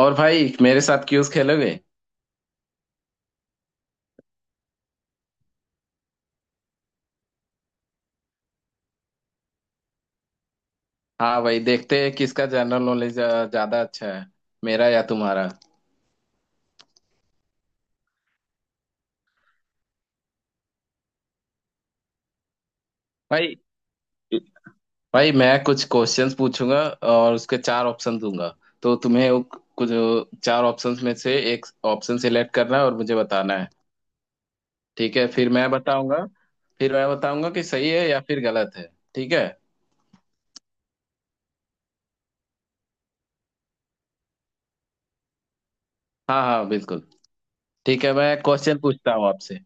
और भाई मेरे साथ क्यूज खेलोगे? हाँ भाई, देखते हैं किसका जनरल नॉलेज ज्यादा अच्छा है, मेरा या तुम्हारा। भाई, भाई मैं कुछ क्वेश्चंस पूछूंगा और उसके चार ऑप्शन दूंगा, तो तुम्हें वो कुछ चार ऑप्शंस में से एक ऑप्शन सिलेक्ट करना है और मुझे बताना है। ठीक है, फिर मैं बताऊंगा, फिर मैं बताऊंगा कि सही है या फिर गलत है। ठीक है। हाँ हाँ बिल्कुल। ठीक है, मैं क्वेश्चन पूछता हूँ आपसे।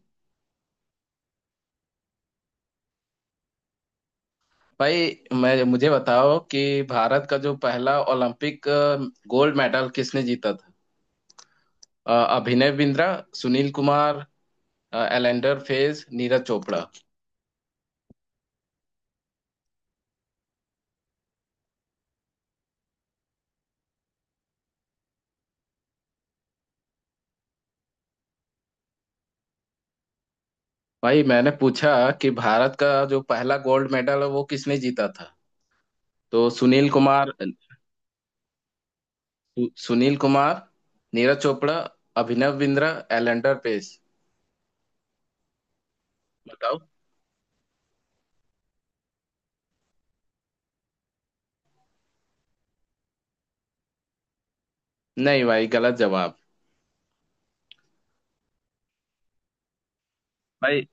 भाई, मैं मुझे बताओ कि भारत का जो पहला ओलंपिक गोल्ड मेडल किसने जीता था। अभिनव बिंद्रा, सुनील कुमार, एलेंडर पेस, नीरज चोपड़ा। भाई मैंने पूछा कि भारत का जो पहला गोल्ड मेडल है वो किसने जीता था। तो सुनील कुमार, सुनील कुमार, नीरज चोपड़ा, अभिनव बिंद्रा, एलेंडर पेस। बताओ। नहीं भाई, गलत जवाब। भाई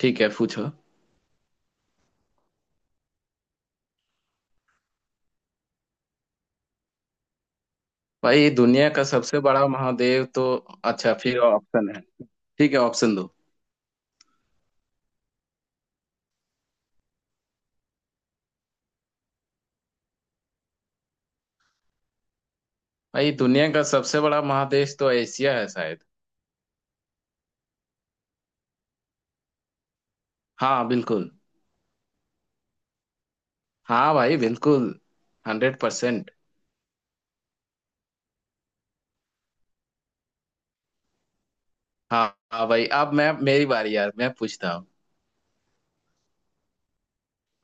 ठीक है, पूछो। भाई दुनिया का सबसे बड़ा महादेव तो। अच्छा, फिर ऑप्शन है, ठीक है ऑप्शन दो। भाई दुनिया का सबसे बड़ा महादेश तो एशिया है शायद। हाँ बिल्कुल। हाँ भाई बिल्कुल। Hundred percent. हाँ। हाँ भाई, अब मैं मेरी बारी यार, मैं पूछता हूँ।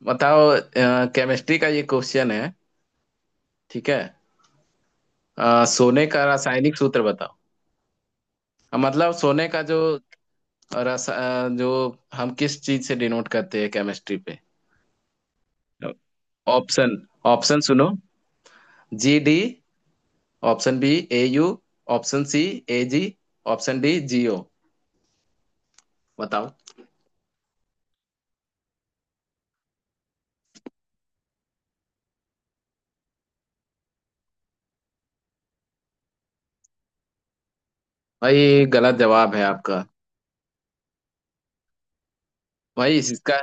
बताओ, केमिस्ट्री का ये क्वेश्चन है, ठीक है। सोने का रासायनिक सूत्र बताओ। मतलब सोने का जो जो हम किस चीज से डिनोट करते हैं केमिस्ट्री पे। ऑप्शन, ऑप्शन सुनो, G D, option B A U, option C A G, option D G O. बताओ। भाई गलत जवाब है आपका। भाई इसका,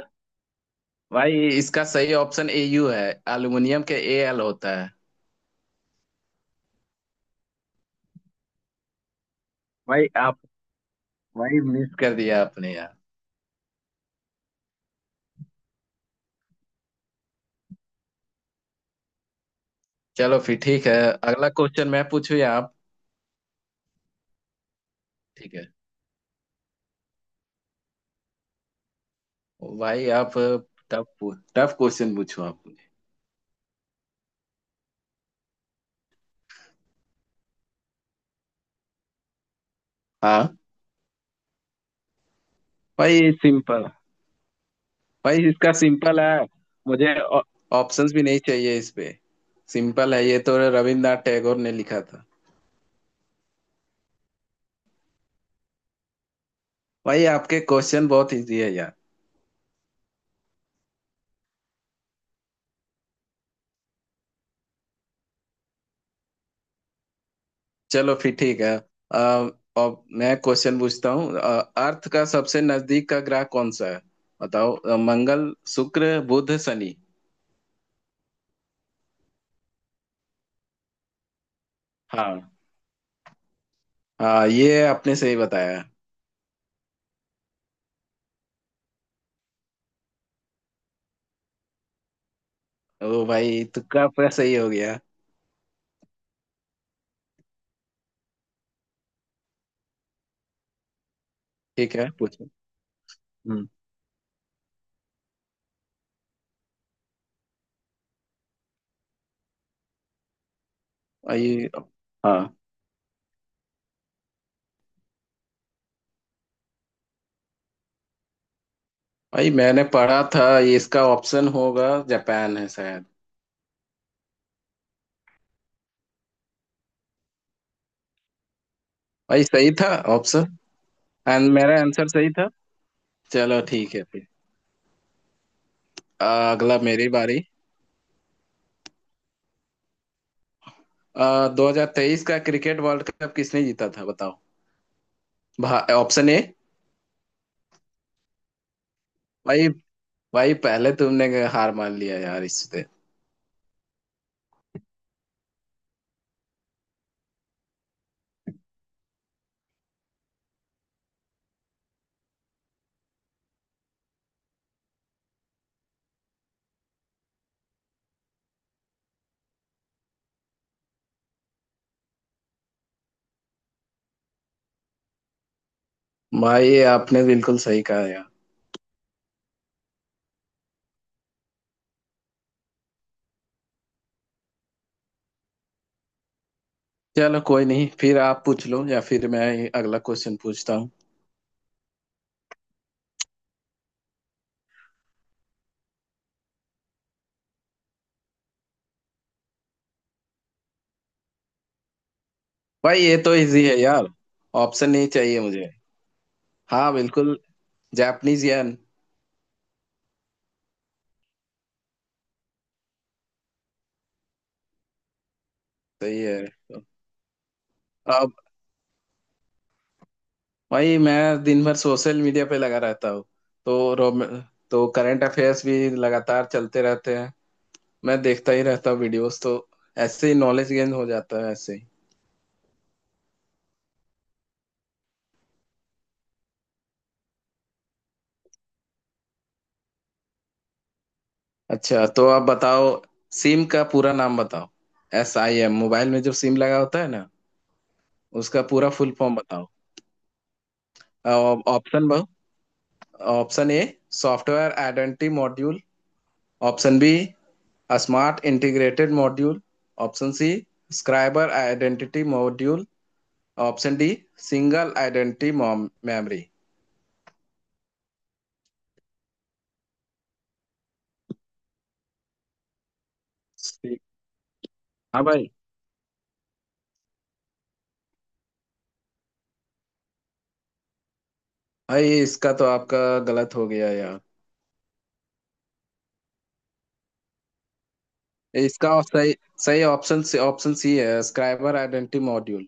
भाई इसका सही ऑप्शन ए यू है, एल्युमिनियम के ए एल होता है। भाई आप, भाई मिस कर दिया आपने यार। चलो फिर ठीक है। अगला क्वेश्चन मैं पूछू या आप? ठीक है। भाई आप टफ, टफ क्वेश्चन पूछो आप मुझे। हाँ भाई, सिंपल। भाई इसका सिंपल है, मुझे ऑप्शंस भी नहीं चाहिए इस पे। सिंपल है, ये तो रविंद्रनाथ टैगोर ने लिखा था। भाई आपके क्वेश्चन बहुत इजी है यार। चलो फिर ठीक है। अ, अब मैं क्वेश्चन पूछता हूँ। अर्थ का सबसे नजदीक का ग्रह कौन सा है, बताओ। मंगल, शुक्र, बुध, शनि। हाँ, हाँ ये आपने सही बताया। ओ भाई, तुक्का पर सही हो गया। ठीक है, पूछो। हम्म। भाई। हाँ भाई, मैंने पढ़ा था ये, इसका ऑप्शन होगा जापान है शायद। भाई सही था? ऑप्शन, एंड मेरा आंसर सही था। चलो ठीक है फिर। अ, अगला मेरी बारी। 2023 का क्रिकेट वर्ल्ड कप किसने जीता था, बताओ। Option A. भाई, भाई पहले तुमने हार मान लिया यार इससे। भाई आपने बिल्कुल सही कहा यार। चलो कोई नहीं, फिर आप पूछ लो या फिर मैं अगला क्वेश्चन पूछता हूँ। भाई ये तो इजी है यार, ऑप्शन नहीं चाहिए मुझे। हाँ बिल्कुल, जापानीज येन। सही है। अब भाई मैं दिन भर सोशल मीडिया पे लगा रहता हूँ, तो रोम, तो करंट अफेयर्स भी लगातार चलते रहते हैं। मैं देखता ही रहता हूँ वीडियोस, तो ऐसे ही नॉलेज गेन हो जाता है, ऐसे ही। अच्छा तो आप बताओ, सिम का पूरा नाम बताओ। एस आई एम, मोबाइल में जो सिम लगा होता है ना, उसका पूरा फुल फॉर्म बताओ। और option A, software identity module. Option B, smart integrated module. Option C, subscriber identity module. Option D, single identity memory. हाँ भाई। भाई इसका तो आपका गलत हो गया यार। इसका सही सही ऑप्शन सी, ऑप्शन सी है, स्क्राइबर आइडेंटिटी मॉड्यूल।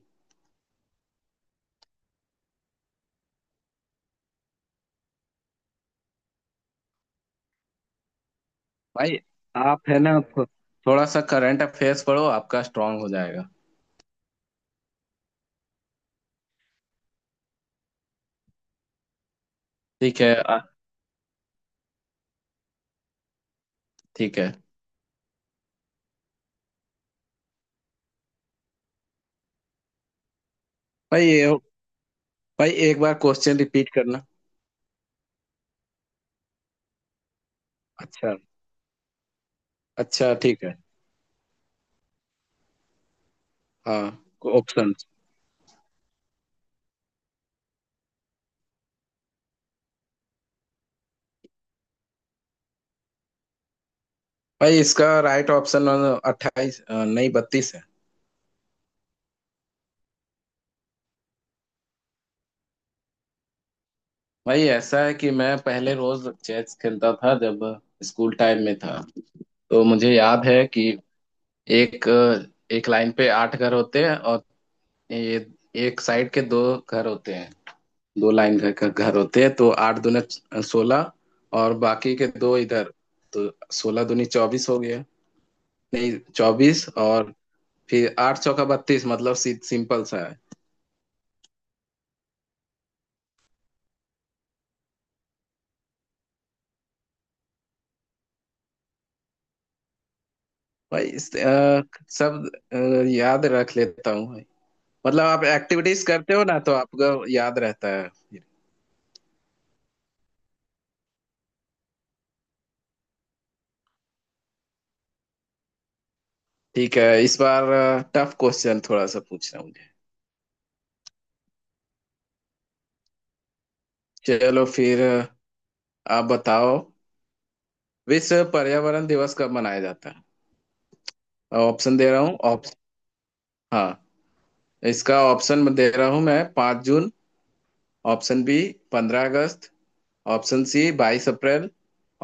भाई आप है ना थोड़ा सा करंट अफेयर्स पढ़ो, आपका स्ट्रांग हो जाएगा। ठीक है ठीक है। भाई भाई एक बार क्वेश्चन रिपीट करना। अच्छा। अच्छा ठीक है। हाँ ऑप्शन। भाई इसका राइट ऑप्शन 28 नहीं, 32 है। भाई ऐसा है कि मैं पहले रोज चेस खेलता था जब स्कूल टाइम में था, तो मुझे याद है कि एक एक लाइन पे 8 घर होते हैं, और ये एक साइड के दो घर होते हैं, दो लाइन घर का घर होते हैं, तो 8 दूने 16, और बाकी के दो इधर, तो 16 दूनी 24 हो गया, नहीं 24 और फिर 8 चौका 32, मतलब सिंपल सा है। भाई सब अ, याद रख लेता हूँ भाई। मतलब आप एक्टिविटीज करते हो ना, तो आपका याद रहता है फिर। ठीक है, इस बार टफ क्वेश्चन थोड़ा सा पूछना मुझे। चलो फिर आप बताओ, विश्व पर्यावरण दिवस कब मनाया जाता है? ऑप्शन दे रहा हूँ, ऑप्शन, हाँ इसका ऑप्शन दे रहा हूं मैं। 5 जून, ऑप्शन बी 15 अगस्त, ऑप्शन सी 22 अप्रैल,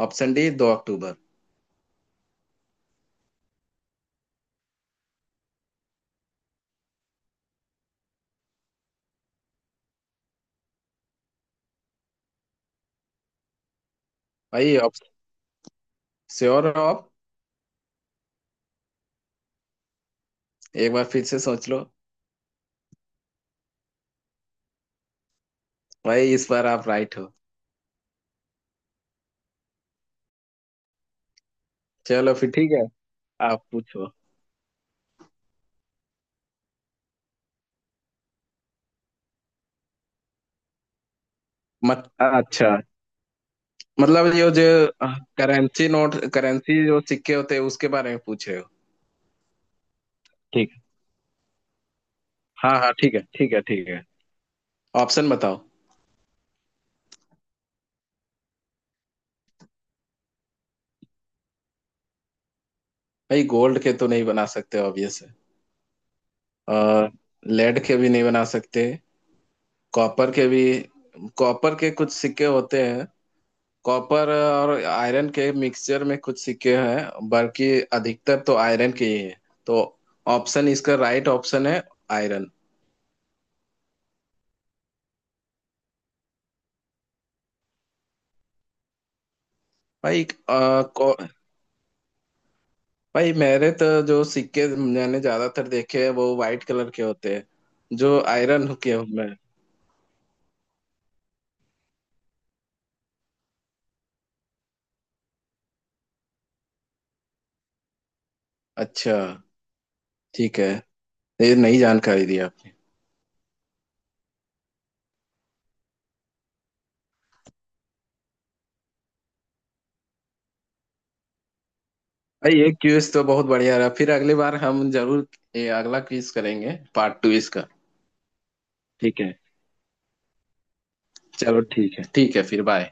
ऑप्शन डी 2 अक्टूबर। भाई ऑप्शन, श्योर हो आप? एक बार फिर से सोच लो। भाई इस बार आप राइट हो। चलो फिर ठीक है, आप पूछो। मत, अच्छा मतलब यो जो करेंसी नोट, करेंसी जो सिक्के होते हैं उसके बारे में पूछ रहे हो? ठीक है, हाँ हाँ ठीक है, ठीक है ठीक है, ऑप्शन बताओ। भाई गोल्ड के तो नहीं बना सकते, ऑब्वियस है। और लेड के भी नहीं बना सकते, कॉपर के भी, कॉपर के कुछ सिक्के होते हैं, कॉपर और आयरन के मिक्सचर में कुछ सिक्के हैं, बल्कि अधिकतर तो आयरन के ही है, तो ऑप्शन इसका राइट ऑप्शन है आयरन। भाई भाई मेरे तो जो सिक्के मैंने ज्यादातर देखे हैं वो वाइट कलर के होते हैं, जो आयरन के होते हैं। अच्छा ठीक है, ये नई जानकारी दी आप। भाई ये क्विज तो बहुत बढ़िया रहा, फिर अगली बार हम जरूर ये अगला क्विज करेंगे, पार्ट 2 इसका। ठीक है, चलो ठीक है, ठीक है फिर बाय।